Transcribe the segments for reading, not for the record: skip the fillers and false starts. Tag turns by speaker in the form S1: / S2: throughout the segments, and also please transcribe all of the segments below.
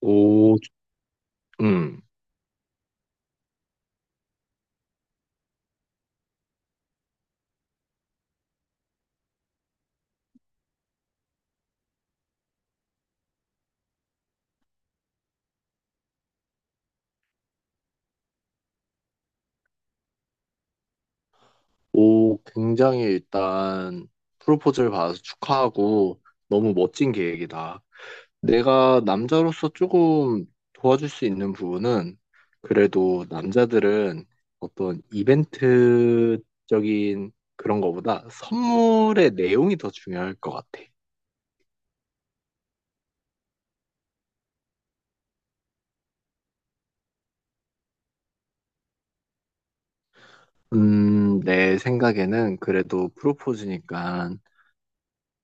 S1: 오. 음, 오, 굉장히 일단 프로포즈를 받아서 축하하고 너무 멋진 계획이다. 내가 남자로서 조금 도와줄 수 있는 부분은, 그래도 남자들은 어떤 이벤트적인 그런 거보다 선물의 내용이 더 중요할 것 같아. 내 생각에는 그래도 프로포즈니까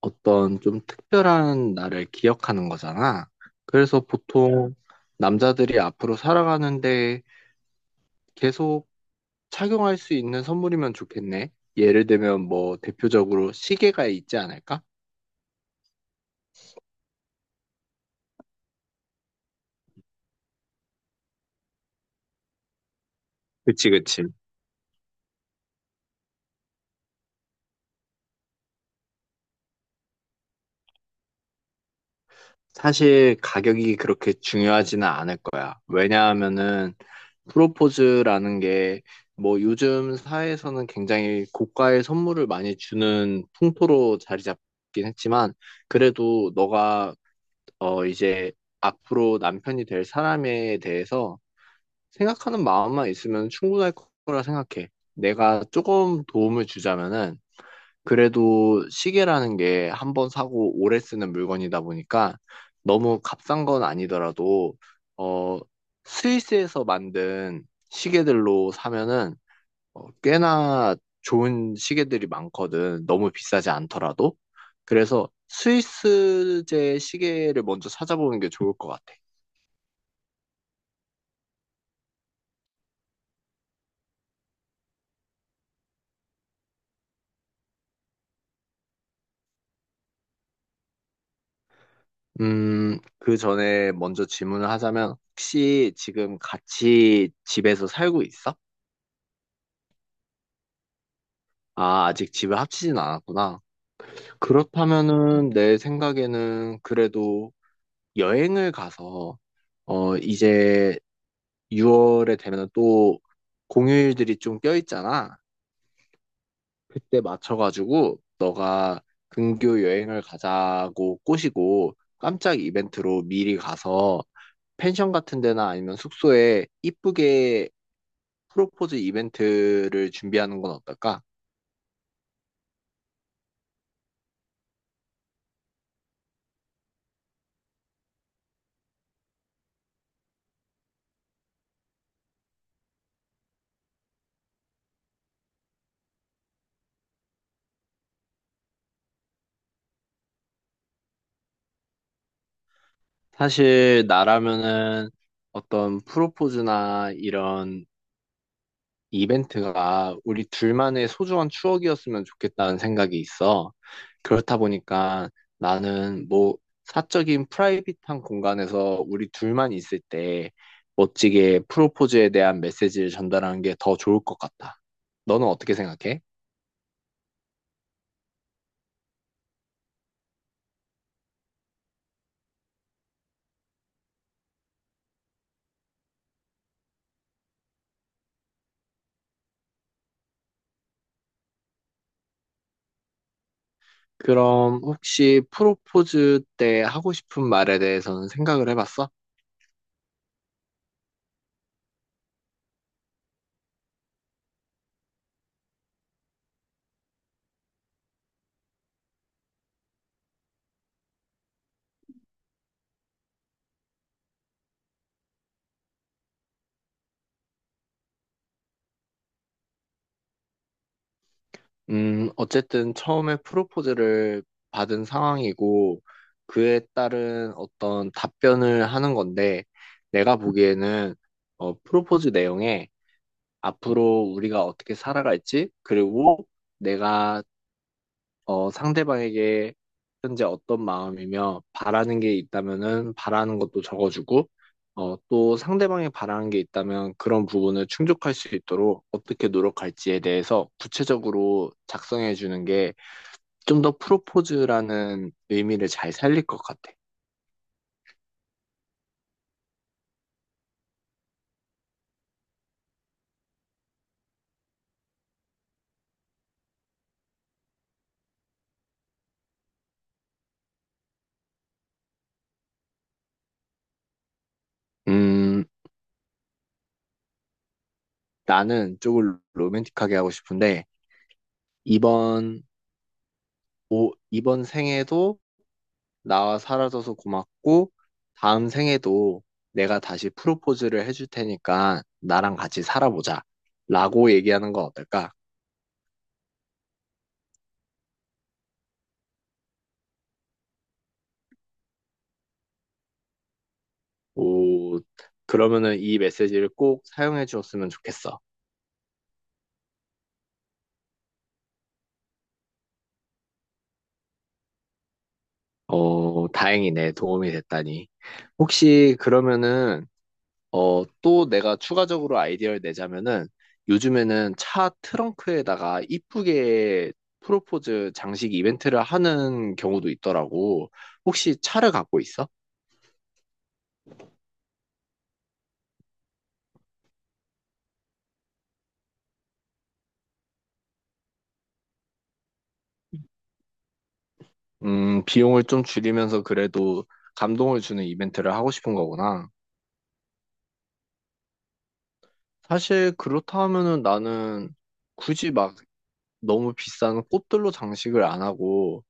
S1: 어떤 좀 특별한 날을 기억하는 거잖아. 그래서 보통 남자들이 앞으로 살아가는데 계속 착용할 수 있는 선물이면 좋겠네. 예를 들면 뭐 대표적으로 시계가 있지 않을까? 그치, 그치. 사실 가격이 그렇게 중요하지는 않을 거야. 왜냐하면은 프로포즈라는 게, 뭐 요즘 사회에서는 굉장히 고가의 선물을 많이 주는 풍토로 자리 잡긴 했지만, 그래도 너가 이제 앞으로 남편이 될 사람에 대해서 생각하는 마음만 있으면 충분할 거라 생각해. 내가 조금 도움을 주자면은, 그래도 시계라는 게 한번 사고 오래 쓰는 물건이다 보니까 너무 값싼 건 아니더라도, 어, 스위스에서 만든 시계들로 사면은 꽤나 좋은 시계들이 많거든. 너무 비싸지 않더라도. 그래서 스위스제 시계를 먼저 찾아보는 게 좋을 것 같아. 그 전에 먼저 질문을 하자면, 혹시 지금 같이 집에서 살고 있어? 아, 아직 집을 합치진 않았구나. 그렇다면은 내 생각에는 그래도 여행을 가서, 이제 6월에 되면 또 공휴일들이 좀 껴있잖아. 그때 맞춰가지고 너가 근교 여행을 가자고 꼬시고 깜짝 이벤트로 미리 가서 펜션 같은 데나 아니면 숙소에 이쁘게 프로포즈 이벤트를 준비하는 건 어떨까? 사실 나라면은 어떤 프로포즈나 이런 이벤트가 우리 둘만의 소중한 추억이었으면 좋겠다는 생각이 있어. 그렇다 보니까 나는 뭐 사적인 프라이빗한 공간에서 우리 둘만 있을 때 멋지게 프로포즈에 대한 메시지를 전달하는 게 더 좋을 것 같다. 너는 어떻게 생각해? 그럼 혹시 프로포즈 때 하고 싶은 말에 대해서는 생각을 해봤어? 어쨌든 처음에 프로포즈를 받은 상황이고 그에 따른 어떤 답변을 하는 건데, 내가 보기에는, 프로포즈 내용에 앞으로 우리가 어떻게 살아갈지, 그리고 내가 상대방에게 현재 어떤 마음이며 바라는 게 있다면은 바라는 것도 적어주고, 또 상대방이 바라는 게 있다면 그런 부분을 충족할 수 있도록 어떻게 노력할지에 대해서 구체적으로 작성해 주는 게 좀 더 프로포즈라는 의미를 잘 살릴 것 같아. 음, 나는 쪽을 로맨틱하게 하고 싶은데, 이번, 오, 이번 생에도 나와 살아줘서 고맙고, 다음 생에도 내가 다시 프로포즈를 해줄 테니까 나랑 같이 살아보자. 라고 얘기하는 건 어떨까? 오, 그러면은 이 메시지를 꼭 사용해 주었으면 좋겠어. 어, 다행이네. 도움이 됐다니. 혹시 그러면은, 또 내가 추가적으로 아이디어를 내자면은, 요즘에는 차 트렁크에다가 이쁘게 프로포즈 장식 이벤트를 하는 경우도 있더라고. 혹시 차를 갖고 있어? 비용을 좀 줄이면서 그래도 감동을 주는 이벤트를 하고 싶은 거구나. 사실 그렇다 하면은 나는 굳이 막 너무 비싼 꽃들로 장식을 안 하고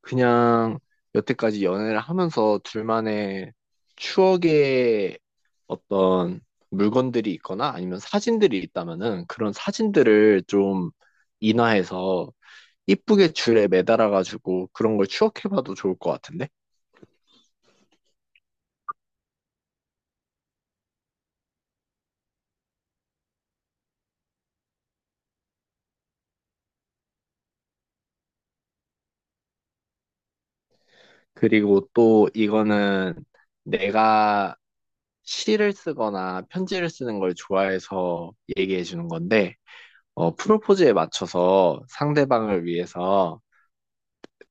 S1: 그냥 여태까지 연애를 하면서 둘만의 추억의 어떤 물건들이 있거나 아니면 사진들이 있다면은 그런 사진들을 좀 인화해서 이쁘게 줄에 매달아가지고 그런 걸 추억해봐도 좋을 것 같은데? 그리고 또 이거는 내가 시를 쓰거나 편지를 쓰는 걸 좋아해서 얘기해 주는 건데, 프로포즈에 맞춰서 상대방을 위해서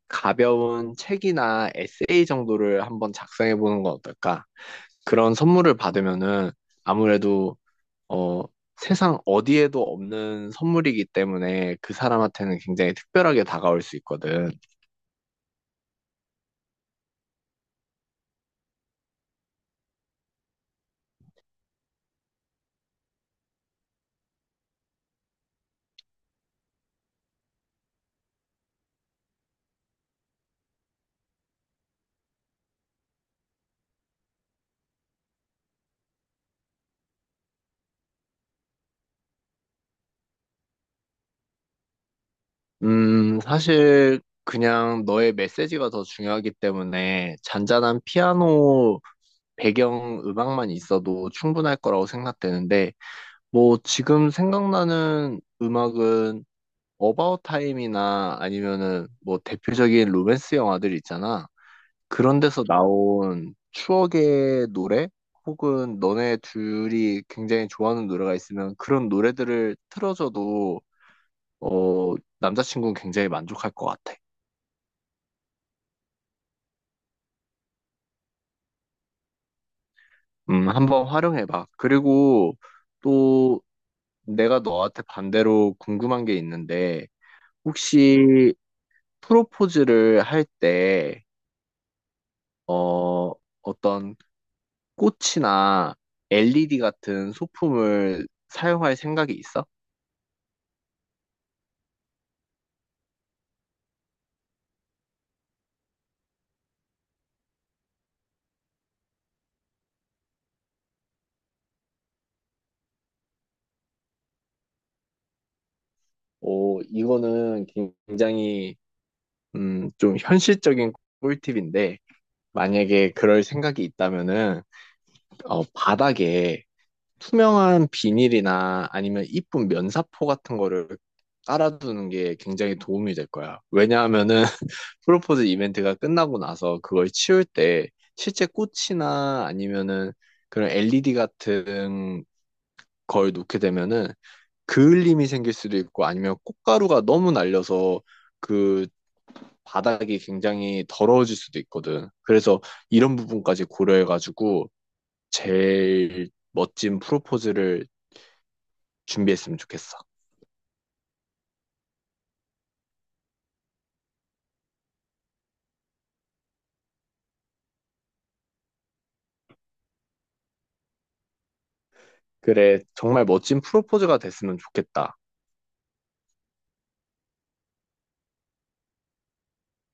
S1: 가벼운 책이나 에세이 정도를 한번 작성해 보는 건 어떨까? 그런 선물을 받으면은 아무래도 어, 세상 어디에도 없는 선물이기 때문에 그 사람한테는 굉장히 특별하게 다가올 수 있거든. 사실 그냥 너의 메시지가 더 중요하기 때문에 잔잔한 피아노 배경 음악만 있어도 충분할 거라고 생각되는데, 뭐 지금 생각나는 음악은 어바웃 타임이나 아니면은 뭐 대표적인 로맨스 영화들 있잖아. 그런 데서 나온 추억의 노래 혹은 너네 둘이 굉장히 좋아하는 노래가 있으면 그런 노래들을 틀어줘도 어 남자친구는 굉장히 만족할 것 같아. 한번 활용해봐. 그리고 또 내가 너한테 반대로 궁금한 게 있는데, 혹시 프로포즈를 할 때, 어, 어떤 꽃이나 LED 같은 소품을 사용할 생각이 있어? 오, 이거는 굉장히, 좀 현실적인 꿀팁인데, 만약에 그럴 생각이 있다면은, 바닥에 투명한 비닐이나 아니면 이쁜 면사포 같은 거를 깔아두는 게 굉장히 도움이 될 거야. 왜냐하면은 프로포즈 이벤트가 끝나고 나서 그걸 치울 때 실제 꽃이나 아니면은 그런 LED 같은 걸 놓게 되면은 그을림이 생길 수도 있고 아니면 꽃가루가 너무 날려서 그 바닥이 굉장히 더러워질 수도 있거든. 그래서 이런 부분까지 고려해가지고 제일 멋진 프로포즈를 준비했으면 좋겠어. 그래, 정말 멋진 프로포즈가 됐으면 좋겠다.